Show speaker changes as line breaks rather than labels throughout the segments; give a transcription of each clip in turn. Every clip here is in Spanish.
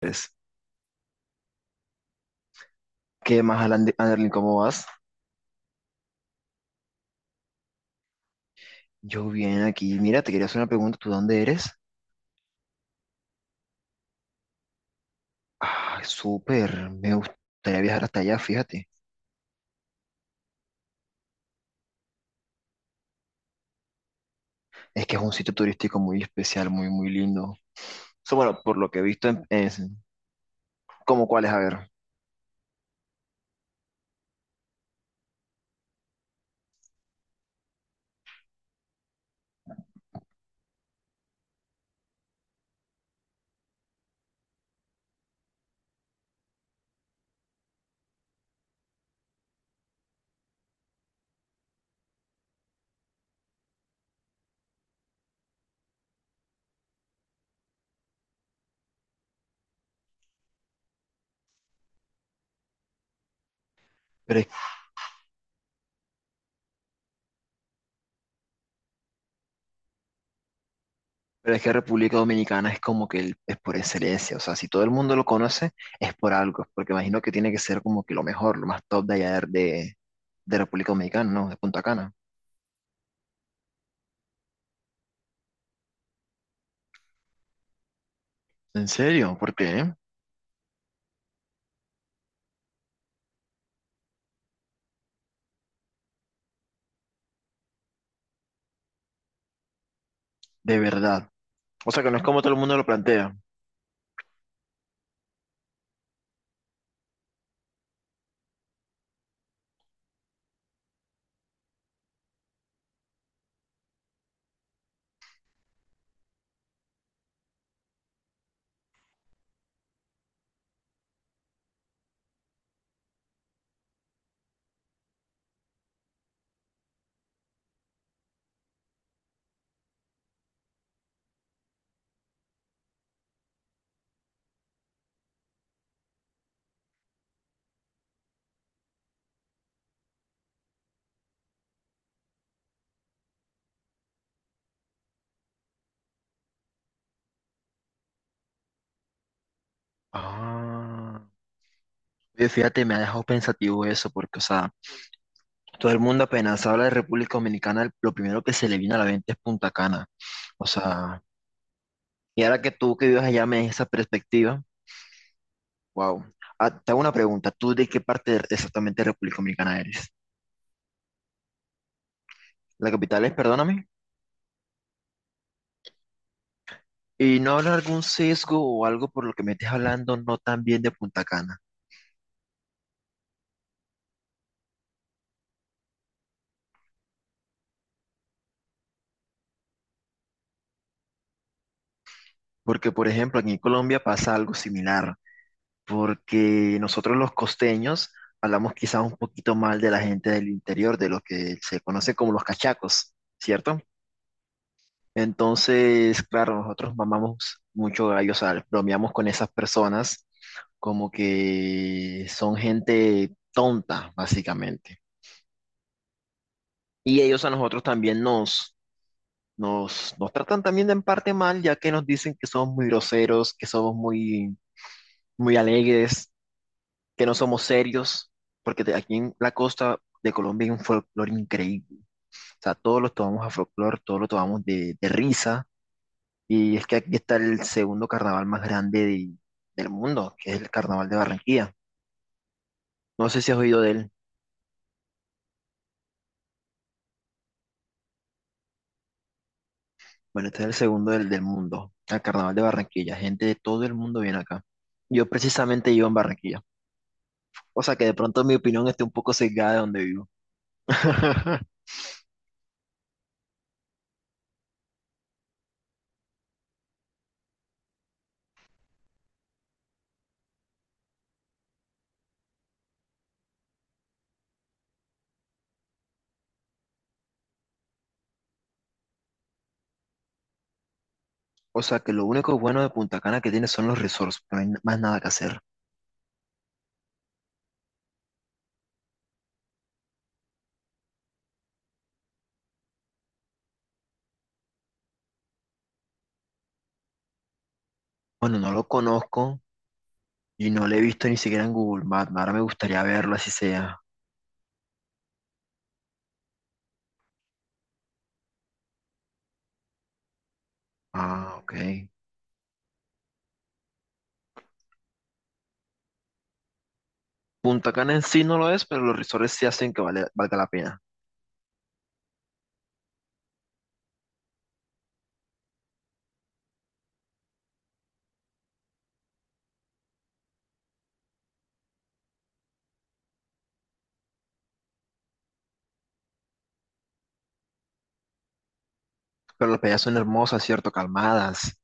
Pues, ¿qué más, Anderlin? ¿Cómo vas? Yo bien aquí. Mira, te quería hacer una pregunta. ¿Tú dónde eres? Ah, súper. Me gustaría viajar hasta allá, fíjate. Es que es un sitio turístico muy especial, muy, muy lindo. O sea, bueno, por lo que he visto, es como cuál es, a ver. Pero es, pero es que República Dominicana es como que es por excelencia. O sea, si todo el mundo lo conoce, es por algo. Es Porque imagino que tiene que ser como que lo mejor, lo más top de allá de República Dominicana, ¿no? De Punta Cana. ¿En serio? ¿Por qué? De verdad. O sea, que no es como todo el mundo lo plantea. Ah, oye, fíjate, me ha dejado pensativo eso, porque, o sea, todo el mundo apenas habla de República Dominicana, lo primero que se le viene a la mente es Punta Cana. O sea, y ahora que tú que vives allá me des esa perspectiva, wow. Ah, te hago una pregunta, ¿tú de qué parte exactamente de República Dominicana eres? La capital es, perdóname, y no habrá algún sesgo o algo por lo que me estés hablando no tan bien de Punta Cana. Porque, por ejemplo, aquí en Colombia pasa algo similar, porque nosotros los costeños hablamos quizás un poquito mal de la gente del interior, de lo que se conoce como los cachacos, ¿cierto? Entonces, claro, nosotros mamamos mucho gallo, o sea, bromeamos con esas personas como que son gente tonta, básicamente. Y ellos a nosotros también nos tratan también de en parte mal, ya que nos dicen que somos muy groseros, que somos muy, muy alegres, que no somos serios, porque de aquí en la costa de Colombia hay un folclore increíble. O sea, todos los tomamos a folclore, todos lo tomamos de risa. Y es que aquí está el segundo carnaval más grande del mundo, que es el Carnaval de Barranquilla. No sé si has oído de él. Bueno, este es el segundo del mundo, el Carnaval de Barranquilla. Gente de todo el mundo viene acá. Yo precisamente vivo en Barranquilla. O sea que de pronto mi opinión esté un poco sesgada de donde vivo. O sea que lo único bueno de Punta Cana que tiene son los resorts, no hay más nada que hacer. Bueno, no lo conozco y no lo he visto ni siquiera en Google Maps. Ahora me gustaría verlo, así sea. Ah, ok. Punta Cana en sí no lo es, pero los resorts sí hacen que valga la pena. Pero las playas son hermosas, ¿cierto? Calmadas.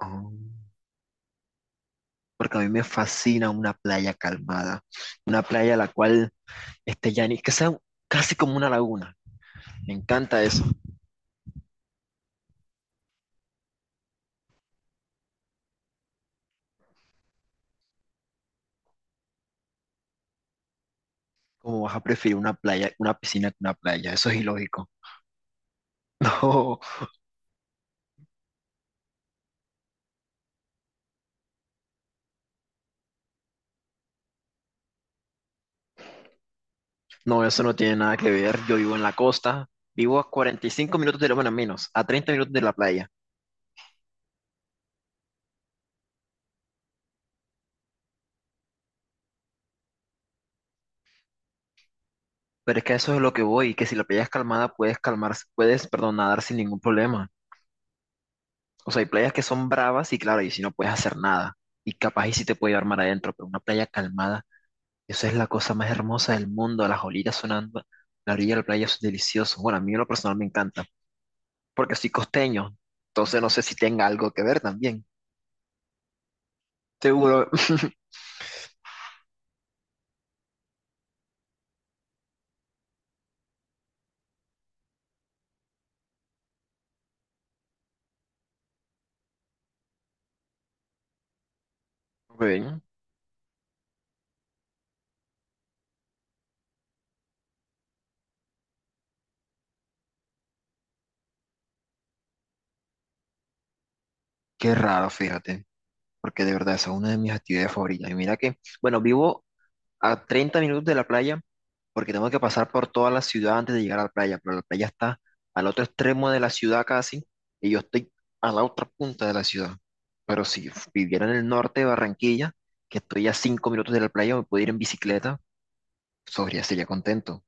Oh, porque a mí me fascina una playa calmada. Una playa a la cual esté que sea casi como una laguna. Me encanta eso. ¿Cómo vas a preferir una playa, una piscina que una playa? Eso es ilógico. No. No, eso no tiene nada que ver. Yo vivo en la costa, vivo a 45 minutos de lo bueno, menos, a 30 minutos de la playa. Pero es que eso es lo que voy, que si la playa es calmada puedes calmar, puedes, perdón, nadar sin ningún problema. O sea, hay playas que son bravas y claro, y si no puedes hacer nada. Y capaz y si te puede llevar mar adentro, pero una playa calmada, eso es la cosa más hermosa del mundo, las olitas sonando, la orilla de la playa eso es delicioso. Bueno, a mí en lo personal me encanta, porque soy costeño, entonces no sé si tenga algo que ver también. Seguro. Ven, qué raro, fíjate, porque de verdad esa es una de mis actividades favoritas. Y mira que, bueno, vivo a 30 minutos de la playa, porque tengo que pasar por toda la ciudad antes de llegar a la playa, pero la playa está al otro extremo de la ciudad casi, y yo estoy a la otra punta de la ciudad. Pero si viviera en el norte de Barranquilla, que estoy a 5 minutos de la playa, me puedo ir en bicicleta, sobre, sería contento.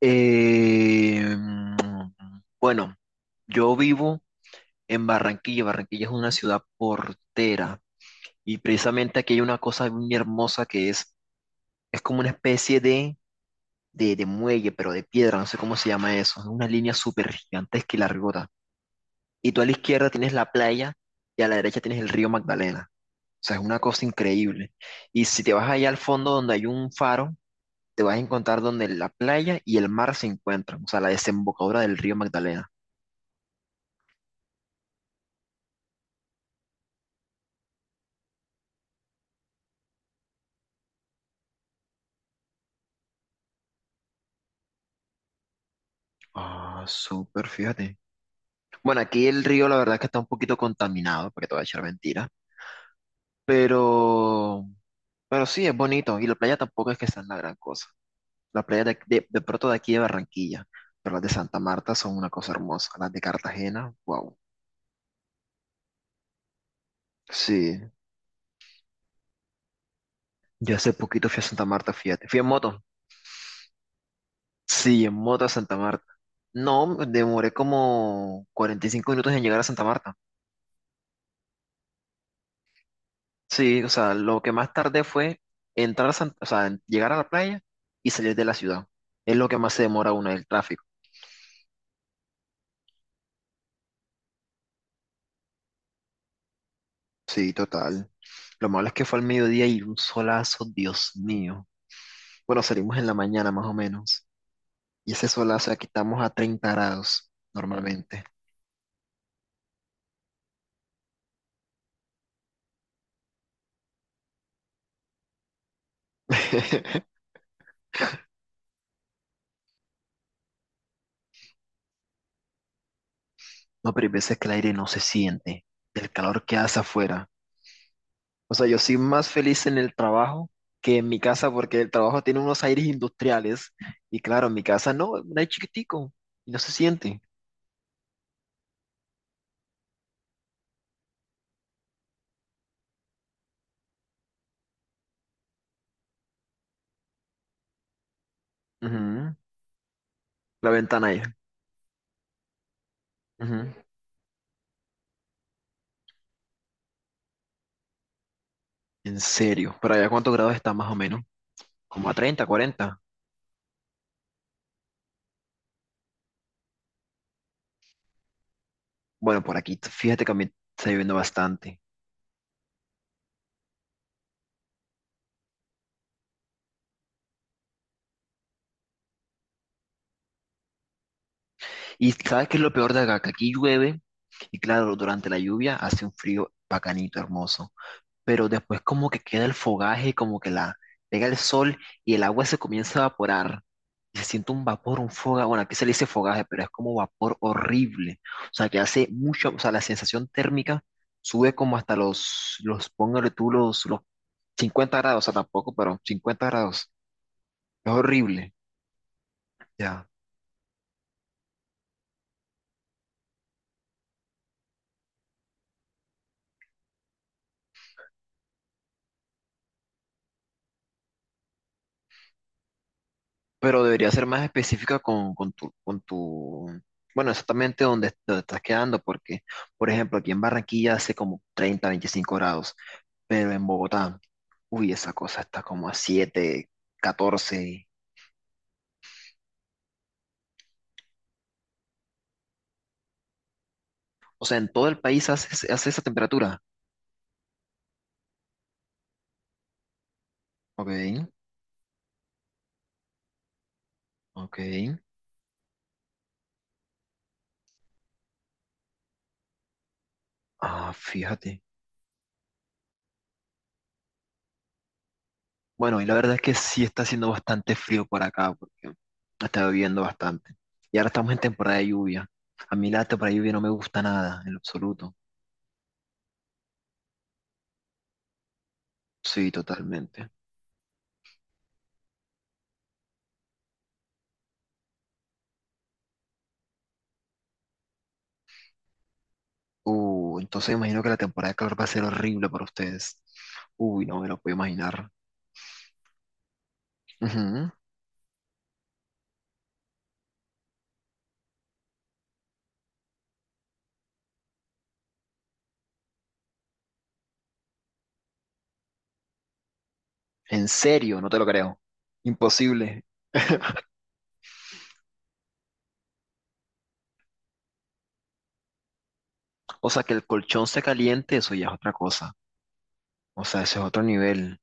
Eh, bueno, yo vivo en Barranquilla. Barranquilla es una ciudad portera. Y precisamente aquí hay una cosa muy hermosa que es como una especie de, de muelle, pero de piedra, no sé cómo se llama eso. Es una línea súper gigantesca y largota. Y tú a la izquierda tienes la playa y a la derecha tienes el río Magdalena. O sea, es una cosa increíble. Y si te vas allá al fondo donde hay un faro, te vas a encontrar donde la playa y el mar se encuentran, o sea, la desembocadura del río Magdalena. Ah, súper, fíjate. Bueno, aquí el río la verdad que está un poquito contaminado, porque te voy a echar mentira, pero Pero sí, es bonito. Y la playa tampoco es que sean la gran cosa. La playa de pronto de aquí de Barranquilla, pero las de Santa Marta son una cosa hermosa. Las de Cartagena, wow. Sí, yo hace poquito fui a Santa Marta, fíjate. Fui en moto. Sí, en moto a Santa Marta. No, me demoré como 45 minutos en llegar a Santa Marta. Sí, o sea, lo que más tardé fue entrar a Santa, o sea, en llegar a la playa y salir de la ciudad. Es lo que más se demora uno, el tráfico. Sí, total. Lo malo es que fue al mediodía y un solazo, Dios mío. Bueno, salimos en la mañana más o menos. Y ese solazo aquí estamos a 30 grados normalmente. No, pero hay veces que el aire no se siente, el calor que hace afuera. O sea, yo soy más feliz en el trabajo que en mi casa porque el trabajo tiene unos aires industriales. Y claro, en mi casa no, es un aire chiquitico y no se siente. Ujú, la ventana ahí. Ujú. En serio, ¿para allá cuántos grados está más o menos? Como a 30, 40. Bueno, por aquí, fíjate que a mí está lloviendo bastante. Y sabes qué es lo peor de acá, que aquí llueve y claro, durante la lluvia hace un frío bacanito, hermoso, pero después como que queda el fogaje, como que la pega el sol y el agua se comienza a evaporar. Y se siente un vapor, un fogaje, bueno, aquí se le dice fogaje, pero es como vapor horrible. O sea, que hace mucho, o sea, la sensación térmica sube como hasta póngale tú los 50 grados, o sea, tampoco, pero 50 grados. Es horrible. Ya. Pero debería ser más específica con, con tu, bueno, exactamente dónde, dónde estás quedando, porque, por ejemplo, aquí en Barranquilla hace como 30 25 grados, pero en Bogotá, uy, esa cosa está como a 7 catorce. O sea, en todo el país hace, hace esa temperatura. Ok, ok. Ah, fíjate. Bueno, y la verdad es que sí está haciendo bastante frío por acá, porque está lloviendo bastante. Y ahora estamos en temporada de lluvia. A mí la temporada de lluvia no me gusta nada, en lo absoluto. Sí, totalmente. Entonces me imagino que la temporada de calor va a ser horrible para ustedes. Uy, no me lo puedo imaginar. Ujú. En serio, no te lo creo. Imposible. O sea, que el colchón se caliente, eso ya es otra cosa. O sea, ese es otro nivel.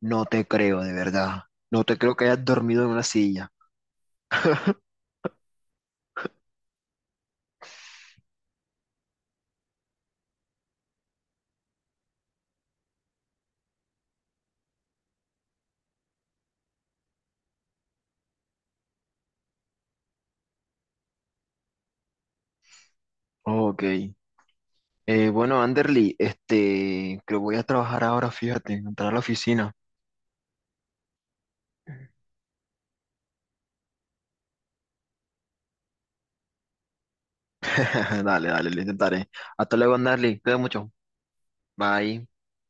No te creo, de verdad. No te creo que hayas dormido en una silla. Ok. Bueno, Anderly, este, creo que voy a trabajar ahora, fíjate, entrar a la oficina. Dale, dale, lo intentaré. Hasta luego, Anderly. Cuídate mucho. Bye.